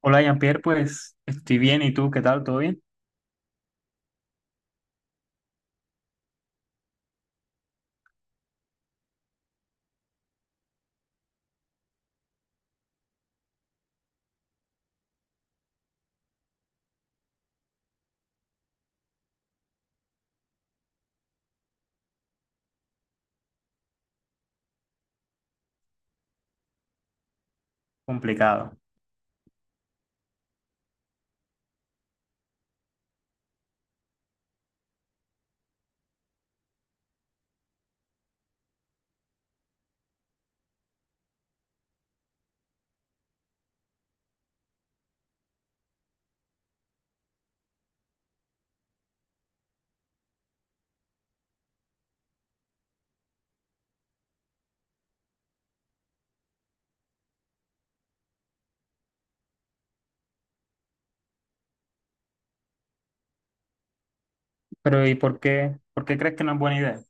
Hola, Jean-Pierre, pues estoy bien. ¿Y tú qué tal? ¿Todo bien? Complicado. Pero ¿y por qué? ¿Por qué crees que no es buena idea?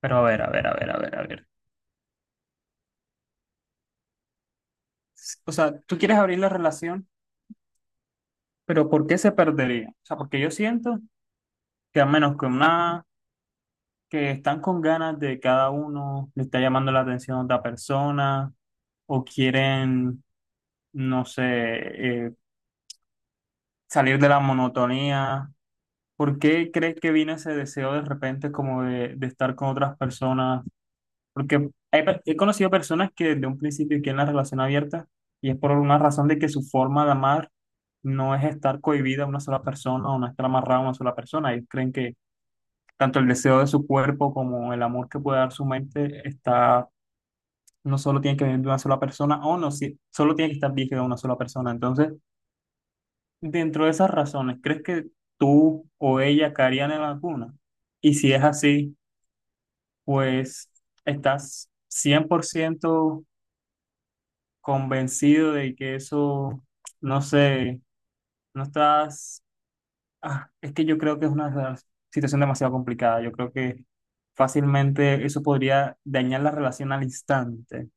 Pero a ver, a ver, a ver, a ver, a ver. O sea, tú quieres abrir la relación, pero ¿por qué se perdería? O sea, porque yo siento que a menos que una, que están con ganas de cada uno, le está llamando la atención a otra persona, o quieren, no sé, eh, salir de la monotonía. ¿Por qué crees que viene ese deseo de repente como de estar con otras personas? Porque hay he conocido personas que desde un principio quieren la relación abierta y es por una razón de que su forma de amar no es estar cohibida a una sola persona o no estar amarrada a una sola persona. Ellos creen que tanto el deseo de su cuerpo como el amor que puede dar su mente está, no solo tiene que venir de una sola persona o no, solo tiene que estar virgen de una sola persona. Entonces, dentro de esas razones, ¿crees que tú o ella caerían en alguna? Y si es así, pues estás 100% convencido de que eso, no sé, no estás, ah, es que yo creo que es una situación demasiado complicada. Yo creo que fácilmente eso podría dañar la relación al instante.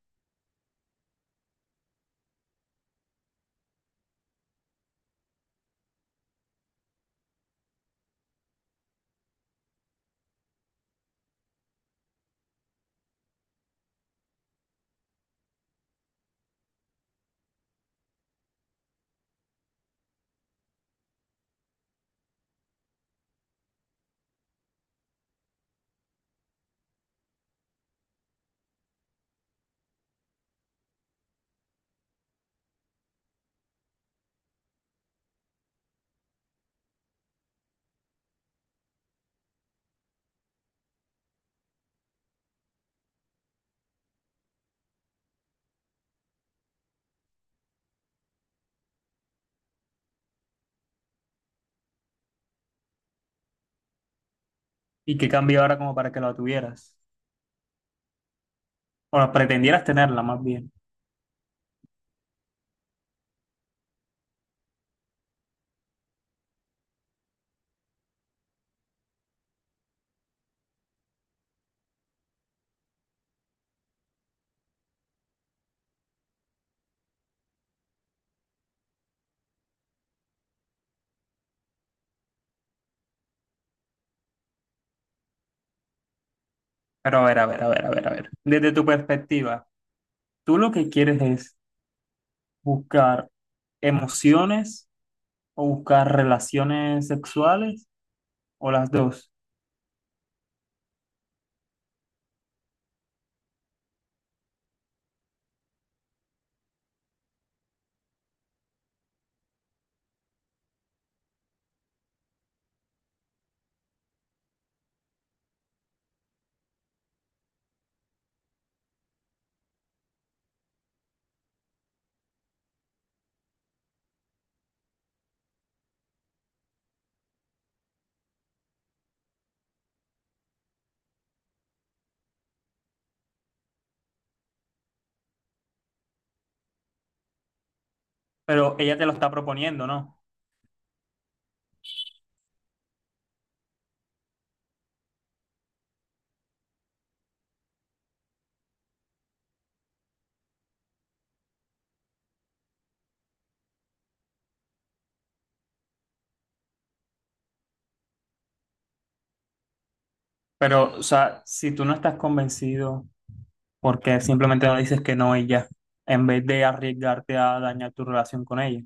¿Y qué cambio ahora como para que la tuvieras? O la pretendieras tenerla más bien. Pero a ver, a ver, a ver, a ver, a ver. Desde tu perspectiva, ¿tú lo que quieres es buscar emociones o buscar relaciones sexuales o las dos? Pero ella te lo está proponiendo, ¿no? Pero, o sea, si tú no estás convencido, ¿por qué simplemente no dices que no y ya en vez de arriesgarte a dañar tu relación con ella?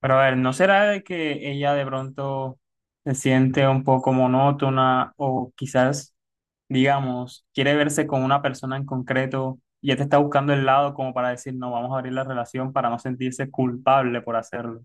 Pero a ver, ¿no será de que ella de pronto se siente un poco monótona o quizás, digamos, quiere verse con una persona en concreto y ya te está buscando el lado como para decir, no, vamos a abrir la relación para no sentirse culpable por hacerlo?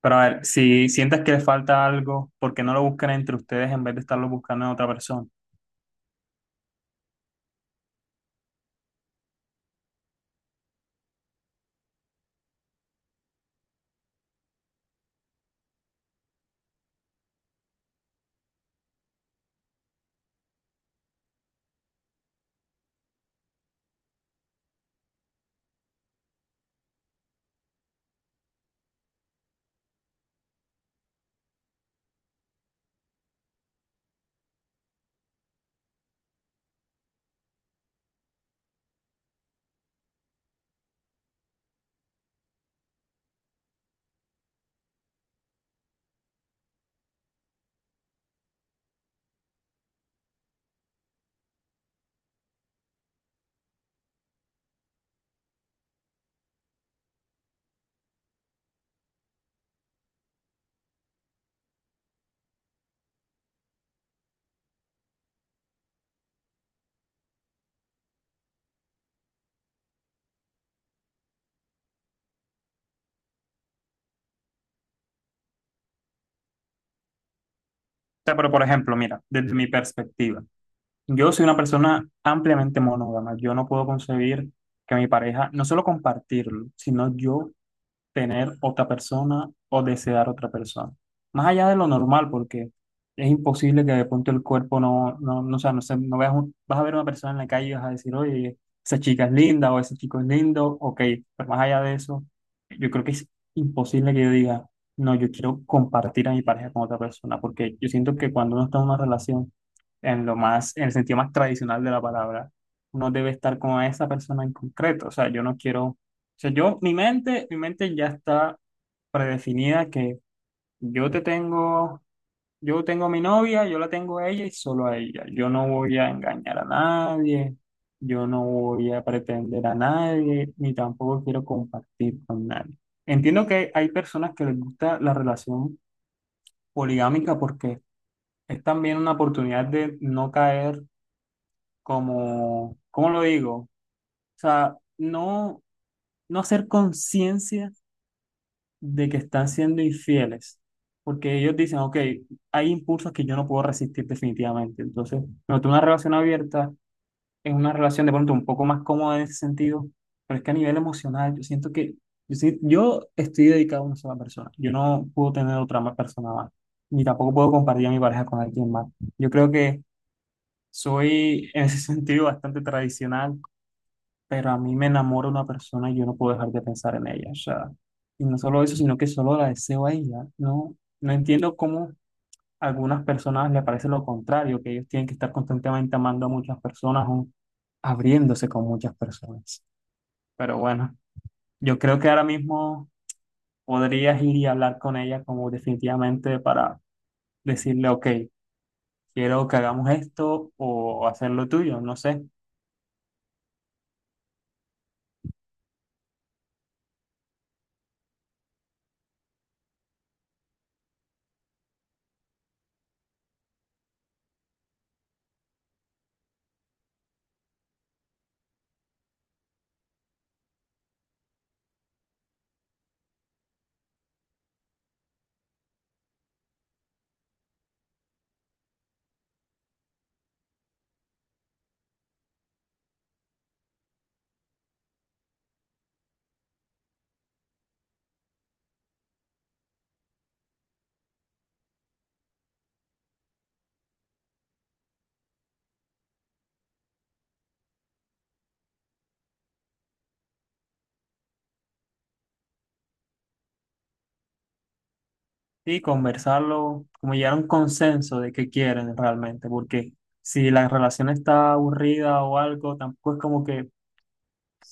Pero a ver, si sientes que le falta algo, ¿por qué no lo buscan entre ustedes en vez de estarlo buscando en otra persona? Sea, pero por ejemplo, mira, desde mi perspectiva, yo soy una persona ampliamente monógama. Yo no puedo concebir que mi pareja, no solo compartirlo, sino yo tener otra persona o desear otra persona. Más allá de lo normal, porque es imposible que de pronto el cuerpo no, no, no, o sea, no, sé, no veas vas a ver una persona en la calle y vas a decir, oye, esa chica es linda o ese chico es lindo, ok, pero más allá de eso, yo creo que es imposible que yo diga, no, yo quiero compartir a mi pareja con otra persona, porque yo siento que cuando uno está en una relación, en lo más, en el sentido más tradicional de la palabra, uno debe estar con esa persona en concreto, o sea, yo no quiero o sea, yo, mi mente ya está predefinida que yo te tengo, yo tengo a mi novia, yo la tengo a ella y solo a ella. Yo no voy a engañar a nadie, yo no voy a pretender a nadie, ni tampoco quiero compartir con nadie. Entiendo que hay personas que les gusta la relación poligámica porque es también una oportunidad de no caer como, ¿cómo lo digo? O sea, no, no hacer conciencia de que están siendo infieles, porque ellos dicen, ok, hay impulsos que yo no puedo resistir definitivamente. Entonces, no, tú una relación abierta es una relación de pronto un poco más cómoda en ese sentido, pero es que a nivel emocional yo siento que yo, yo estoy dedicado a una sola persona, yo no puedo tener otra más persona más, ni tampoco puedo compartir a mi pareja con alguien más. Yo creo que soy en ese sentido bastante tradicional pero a mí me enamora una persona y yo no puedo dejar de pensar en ella. O sea, y no solo eso, sino que solo la deseo a ella. No, no entiendo cómo a algunas personas le parece lo contrario, que ellos tienen que estar constantemente amando a muchas personas o abriéndose con muchas personas. Pero bueno, yo creo que ahora mismo podrías ir y hablar con ella como definitivamente para decirle, ok, quiero que hagamos esto o hacer lo tuyo, no sé. Sí, conversarlo, como llegar a un consenso de qué quieren realmente, porque si la relación está aburrida o algo, tampoco es como que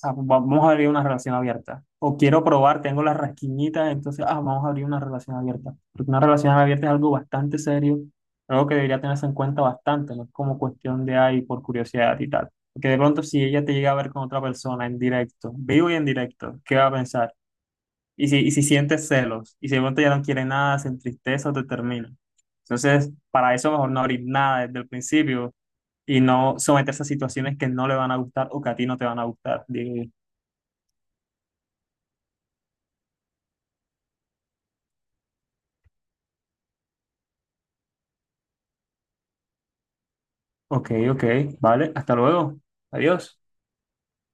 ah, pues vamos a abrir una relación abierta. O quiero probar, tengo las rasquiñitas, entonces, ah, vamos a abrir una relación abierta. Porque una relación abierta es algo bastante serio, algo que debería tenerse en cuenta bastante, no es como cuestión de ahí por curiosidad y tal. Porque de pronto si ella te llega a ver con otra persona en directo, vivo y en directo, ¿qué va a pensar? Y si sientes celos, y si de pronto ya no quieres nada, sin tristeza o te termina. Entonces, para eso mejor no abrir nada desde el principio y no someterse a situaciones que no le van a gustar o que a ti no te van a gustar. Digo, ok, ok, vale, hasta luego, adiós.